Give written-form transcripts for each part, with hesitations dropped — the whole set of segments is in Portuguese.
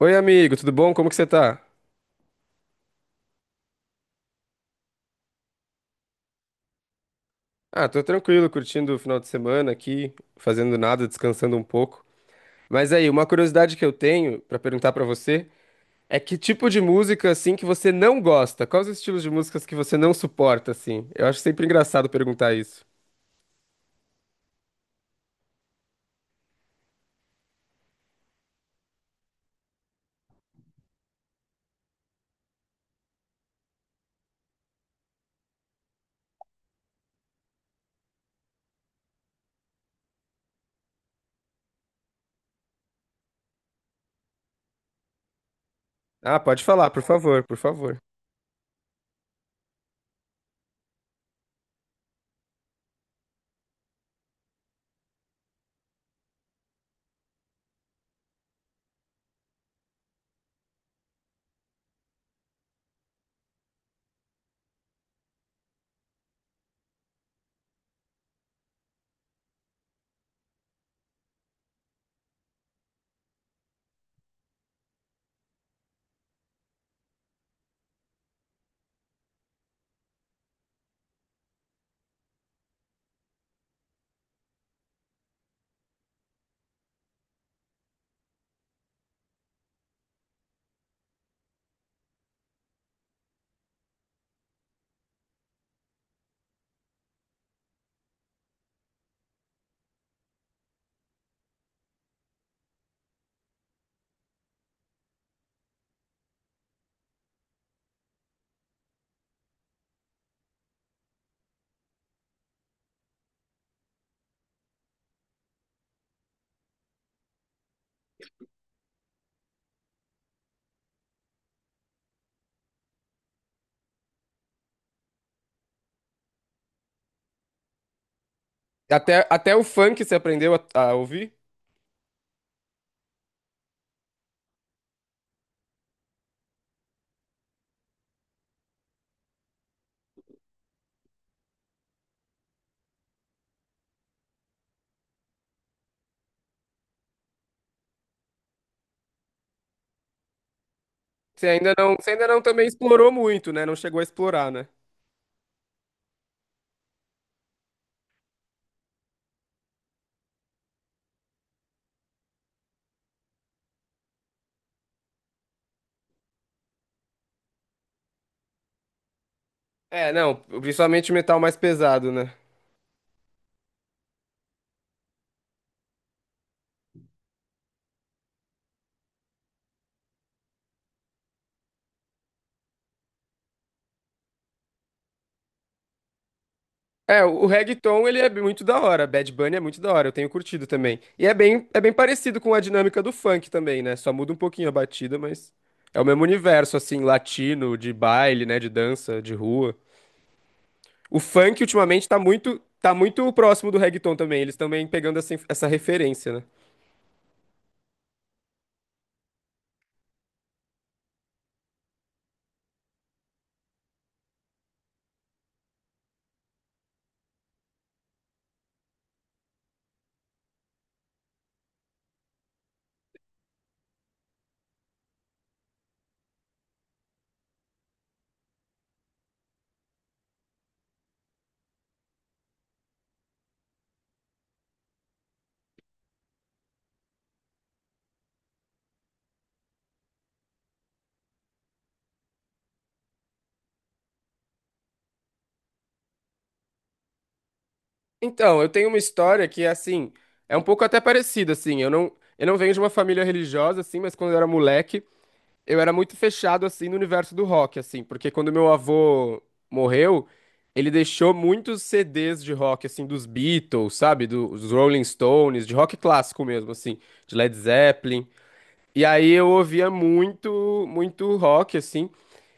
Oi, amigo, tudo bom? Como que você tá? Ah, tô tranquilo, curtindo o final de semana aqui, fazendo nada, descansando um pouco. Mas aí, uma curiosidade que eu tenho pra perguntar pra você é que tipo de música assim que você não gosta? Quais os estilos de músicas que você não suporta assim? Eu acho sempre engraçado perguntar isso. Ah, pode falar, por favor, por favor. Até o funk você aprendeu a ouvir? Você ainda não também explorou muito, né? Não chegou a explorar, né? É, não, principalmente metal mais pesado, né? É, o reggaeton, ele é muito da hora. Bad Bunny é muito da hora, eu tenho curtido também. É bem parecido com a dinâmica do funk também, né? Só muda um pouquinho a batida, mas é o mesmo universo, assim, latino, de baile, né? De dança, de rua. O funk, ultimamente, tá muito próximo do reggaeton também. Eles também pegando essa, essa referência, né? Então, eu tenho uma história que, assim, é um pouco até parecida, assim. Eu não venho de uma família religiosa, assim, mas quando eu era moleque. Eu era muito fechado assim no universo do rock, assim, porque quando meu avô morreu, ele deixou muitos CDs de rock, assim, dos Beatles, sabe? Dos Rolling Stones, de rock clássico mesmo, assim, de Led Zeppelin. E aí eu ouvia muito rock, assim.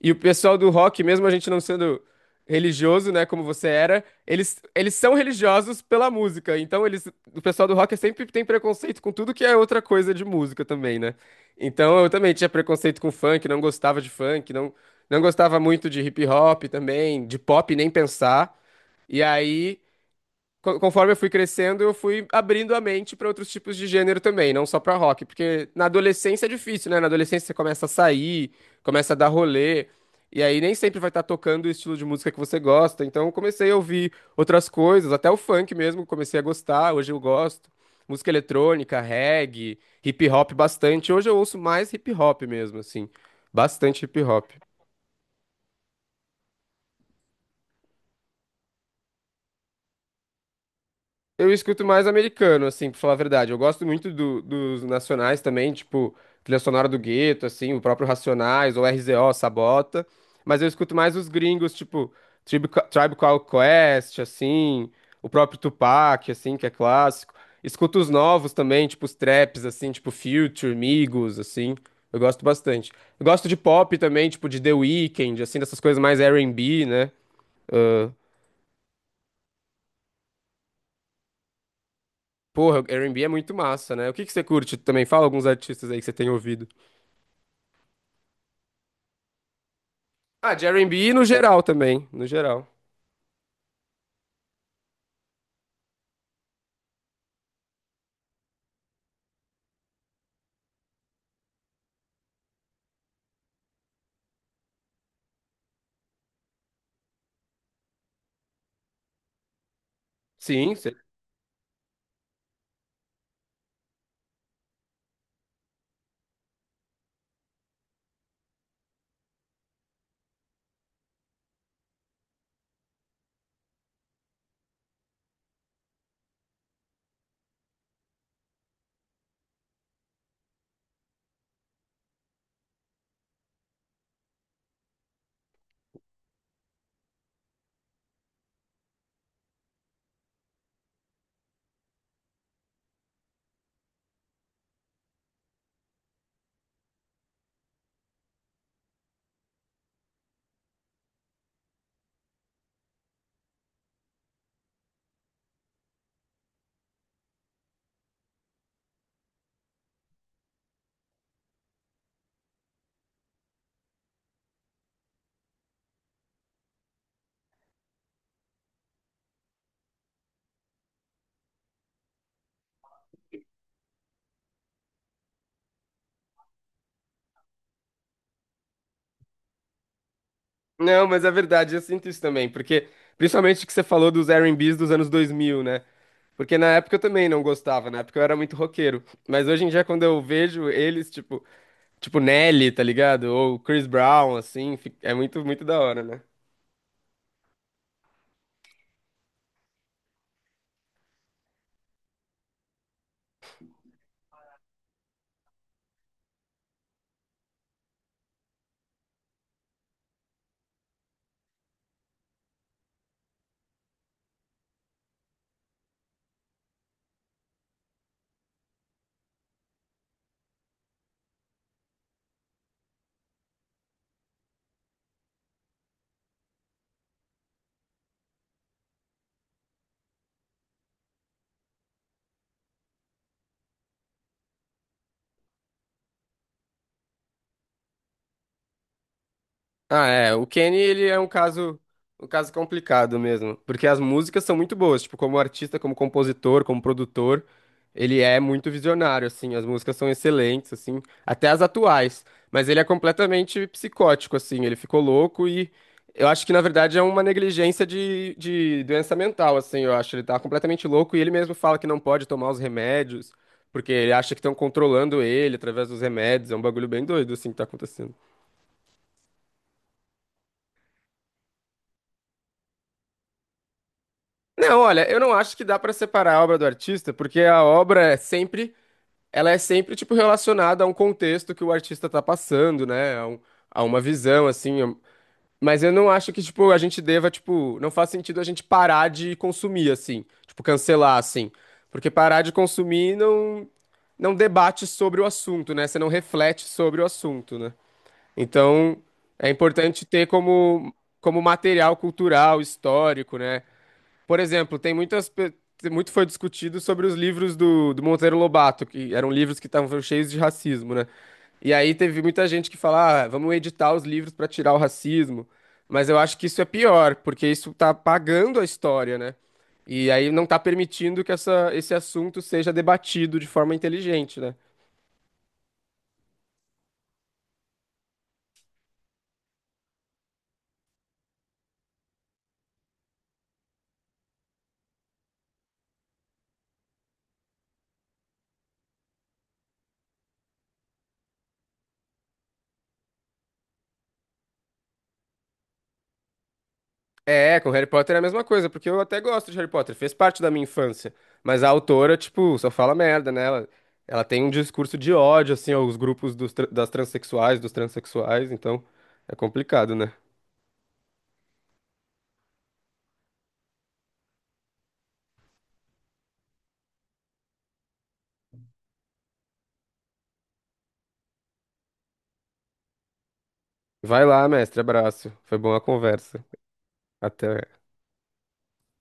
E o pessoal do rock, mesmo a gente não sendo religioso, né, como você era, eles são religiosos pela música. Então eles, o pessoal do rock sempre tem preconceito com tudo que é outra coisa de música também, né? Então eu também tinha preconceito com funk, não gostava de funk, não gostava muito de hip hop também, de pop nem pensar. E aí Conforme eu fui crescendo, eu fui abrindo a mente para outros tipos de gênero também, não só para rock, porque na adolescência é difícil, né? Na adolescência você começa a sair, começa a dar rolê, e aí nem sempre vai estar tocando o estilo de música que você gosta. Então eu comecei a ouvir outras coisas, até o funk mesmo, comecei a gostar, hoje eu gosto. Música eletrônica, reggae, hip hop bastante. Hoje eu ouço mais hip hop mesmo, assim, bastante hip hop. Eu escuto mais americano, assim, pra falar a verdade. Eu gosto muito dos nacionais também, tipo, trilha sonora do Gueto, assim, o próprio Racionais, ou RZO, Sabota. Mas eu escuto mais os gringos, tipo, Tribe Called Quest, assim, o próprio Tupac, assim, que é clássico. Escuto os novos também, tipo, os traps, assim, tipo, Future, Migos, assim. Eu gosto bastante. Eu gosto de pop também, tipo, de The Weeknd, assim, dessas coisas mais R&B, né? Porra, R e B é muito massa, né? O que que você curte também? Fala alguns artistas aí que você tem ouvido. Ah, de R e B no geral também, no geral. Sim, cê- não, mas é verdade, eu sinto isso também, porque principalmente que você falou dos R&Bs dos anos 2000, né? Porque na época eu também não gostava, na época eu era muito roqueiro, mas hoje em dia quando eu vejo eles, tipo, tipo Nelly, tá ligado? Ou Chris Brown, assim, é muito da hora, né? Ah, é. O Kenny, ele é um caso complicado mesmo, porque as músicas são muito boas, tipo, como artista, como compositor, como produtor, ele é muito visionário, assim, as músicas são excelentes, assim, até as atuais, mas ele é completamente psicótico, assim, ele ficou louco e eu acho que, na verdade, é uma negligência de doença mental, assim, eu acho, ele tá completamente louco e ele mesmo fala que não pode tomar os remédios, porque ele acha que estão controlando ele através dos remédios, é um bagulho bem doido, assim, que tá acontecendo. Não, olha, eu não acho que dá pra separar a obra do artista, porque a obra é sempre, ela é sempre tipo relacionada a um contexto que o artista tá passando, né? A uma visão assim. Mas eu não acho que tipo a gente deva tipo, não faz sentido a gente parar de consumir assim, tipo cancelar assim, porque parar de consumir não debate sobre o assunto, né? Você não reflete sobre o assunto, né? Então, é importante ter como como material cultural, histórico, né? Por exemplo, muito foi discutido sobre os livros do Monteiro Lobato, que eram livros que estavam cheios de racismo, né? E aí teve muita gente que fala, ah, vamos editar os livros para tirar o racismo. Mas eu acho que isso é pior, porque isso tá apagando a história, né? E aí não tá permitindo que essa, esse assunto seja debatido de forma inteligente, né? É, com Harry Potter é a mesma coisa, porque eu até gosto de Harry Potter, fez parte da minha infância. Mas a autora, tipo, só fala merda, né? Ela tem um discurso de ódio, assim, aos grupos das transexuais, dos transexuais, então é complicado, né? Vai lá, mestre, abraço. Foi boa a conversa. Até.